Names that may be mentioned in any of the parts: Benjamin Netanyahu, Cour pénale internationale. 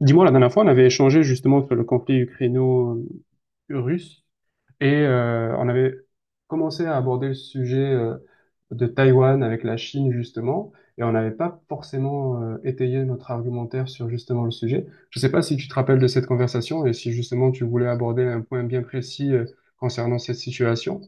Dis-moi, la dernière fois, on avait échangé justement sur le conflit ukraino-russe et on avait commencé à aborder le sujet de Taïwan avec la Chine justement et on n'avait pas forcément étayé notre argumentaire sur justement le sujet. Je ne sais pas si tu te rappelles de cette conversation et si justement tu voulais aborder un point bien précis concernant cette situation.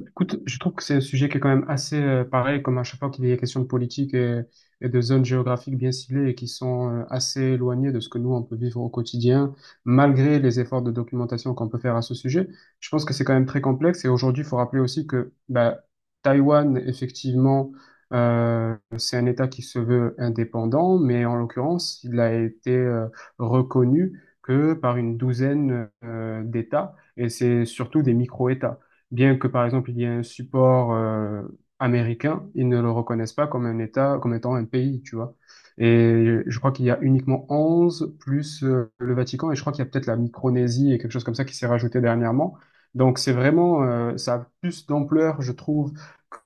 Écoute, je trouve que c'est un sujet qui est quand même assez pareil, comme à chaque fois qu'il y a question de politique et de zones géographiques bien ciblées et qui sont assez éloignées de ce que nous, on peut vivre au quotidien, malgré les efforts de documentation qu'on peut faire à ce sujet. Je pense que c'est quand même très complexe et aujourd'hui, il faut rappeler aussi que bah, Taïwan, effectivement, c'est un État qui se veut indépendant, mais en l'occurrence, il a été reconnu que par une douzaine d'États et c'est surtout des micro-États. Bien que, par exemple, il y ait un support américain, ils ne le reconnaissent pas comme un État, comme étant un pays, tu vois. Et je crois qu'il y a uniquement 11 plus le Vatican, et je crois qu'il y a peut-être la Micronésie et quelque chose comme ça qui s'est rajouté dernièrement. Donc c'est vraiment, ça a plus d'ampleur, je trouve,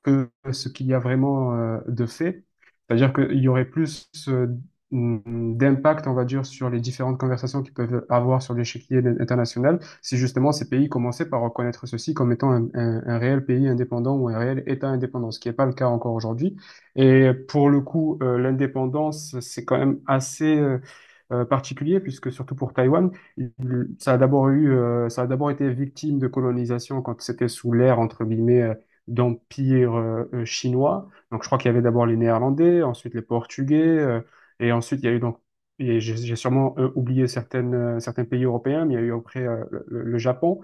que ce qu'il y a vraiment de fait. C'est-à-dire qu'il y aurait plus d'impact, on va dire, sur les différentes conversations qu'ils peuvent avoir sur l'échiquier international si justement ces pays commençaient par reconnaître ceci comme étant un réel pays indépendant ou un réel État indépendant, ce qui n'est pas le cas encore aujourd'hui. Et pour le coup, l'indépendance, c'est quand même assez particulier, puisque surtout pour Taïwan, il- ça a d'abord ça a d'abord été victime de colonisation quand c'était sous l'ère, entre guillemets, d'empire chinois. Donc je crois qu'il y avait d'abord les Néerlandais, ensuite les Portugais, et ensuite il y a eu donc et j'ai sûrement oublié certains pays européens, mais il y a eu après le Japon.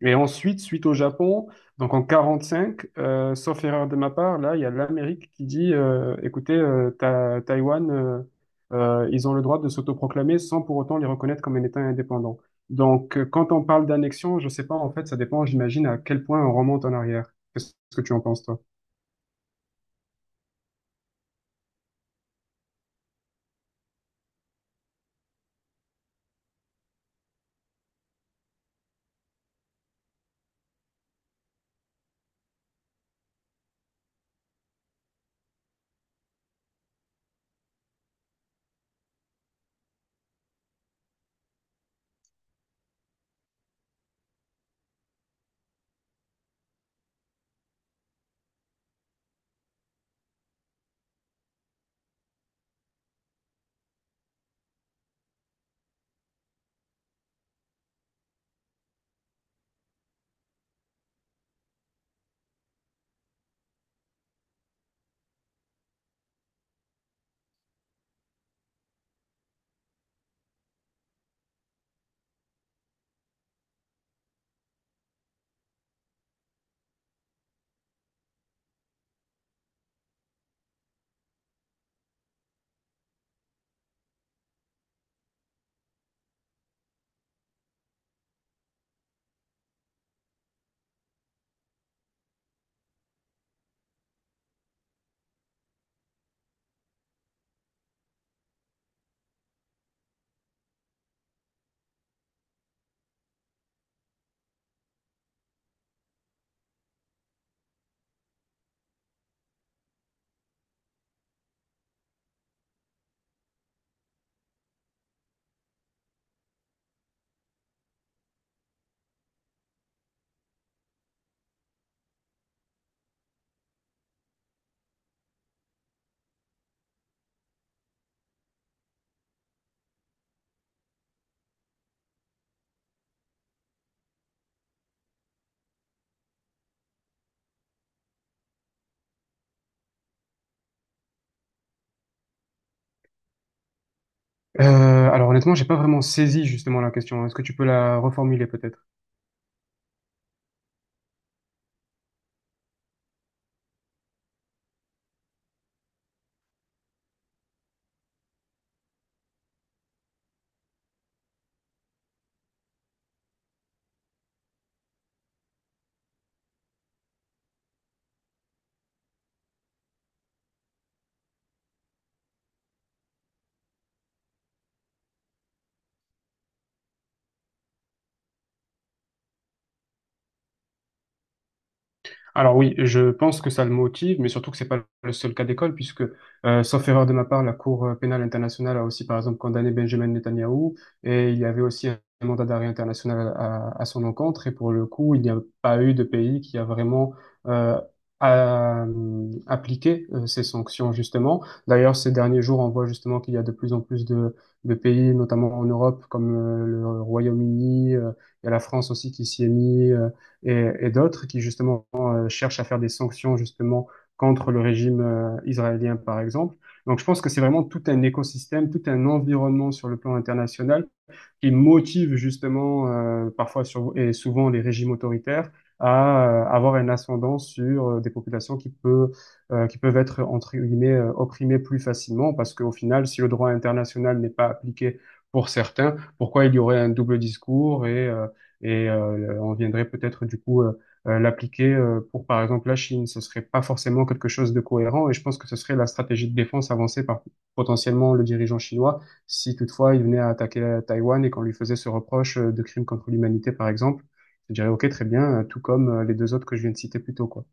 Et ensuite, suite au Japon, donc en 45, sauf erreur de ma part, là, il y a l'Amérique qui dit, écoutez, Taïwan, ils ont le droit de s'autoproclamer sans pour autant les reconnaître comme un État indépendant. Donc, quand on parle d'annexion, je sais pas, en fait, ça dépend, j'imagine, à quel point on remonte en arrière. Qu'est-ce que tu en penses, toi? Euh, alors honnêtement, j'ai pas vraiment saisi justement la question. Est-ce que tu peux la reformuler peut-être? Alors oui, je pense que ça le motive, mais surtout que c'est pas le seul cas d'école, puisque, sauf erreur de ma part, la Cour pénale internationale a aussi, par exemple, condamné Benjamin Netanyahou, et il y avait aussi un mandat d'arrêt international à son encontre, et pour le coup, il n'y a pas eu de pays qui a vraiment euh, appliqué ces sanctions, justement. D'ailleurs, ces derniers jours, on voit justement qu'il y a de plus en plus de pays, notamment en Europe, comme le Royaume-Uni, il y a la France aussi qui s'y est mis. Et d'autres qui justement cherche à faire des sanctions justement contre le régime israélien, par exemple. Donc je pense que c'est vraiment tout un écosystème, tout un environnement sur le plan international qui motive justement parfois sur, et souvent les régimes autoritaires à avoir un ascendant sur des populations qui peuvent être entre guillemets opprimées plus facilement parce qu'au final, si le droit international n'est pas appliqué pour certains, pourquoi il y aurait un double discours on viendrait peut-être du coup l'appliquer pour par exemple la Chine, ce serait pas forcément quelque chose de cohérent et je pense que ce serait la stratégie de défense avancée par potentiellement le dirigeant chinois si toutefois il venait à attaquer Taïwan et qu'on lui faisait ce reproche de crime contre l'humanité, par exemple, je dirais, OK, très bien, tout comme les deux autres que je viens de citer plus tôt, quoi.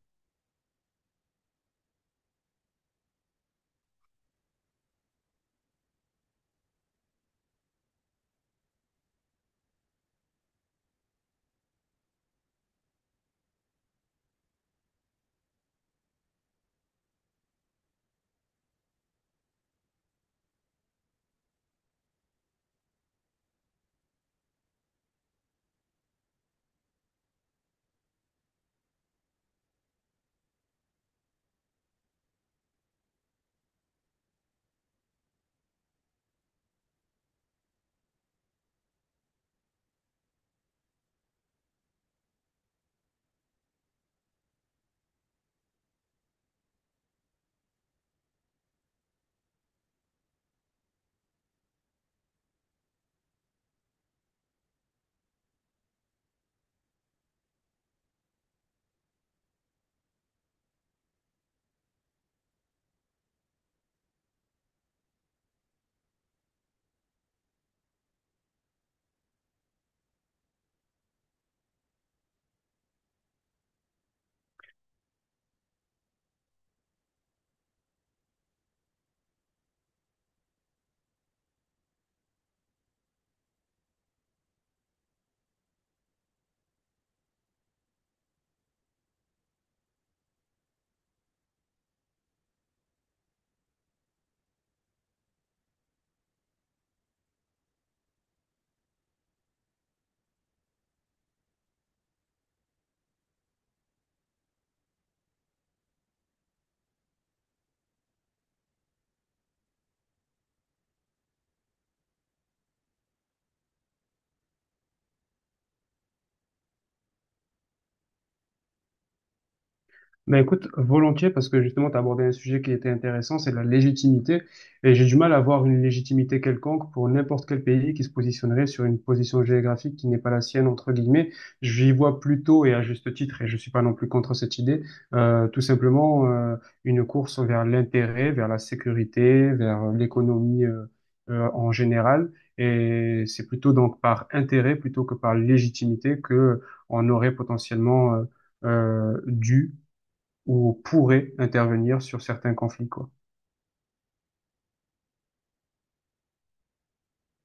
Ben écoute, volontiers, parce que justement, tu as abordé un sujet qui était intéressant, c'est la légitimité. Et j'ai du mal à voir une légitimité quelconque pour n'importe quel pays qui se positionnerait sur une position géographique qui n'est pas la sienne, entre guillemets. J'y vois plutôt, et à juste titre, et je suis pas non plus contre cette idée, tout simplement une course vers l'intérêt, vers la sécurité, vers l'économie en général. Et c'est plutôt donc par intérêt plutôt que par légitimité que on aurait potentiellement... dû ou pourrait intervenir sur certains conflits, quoi.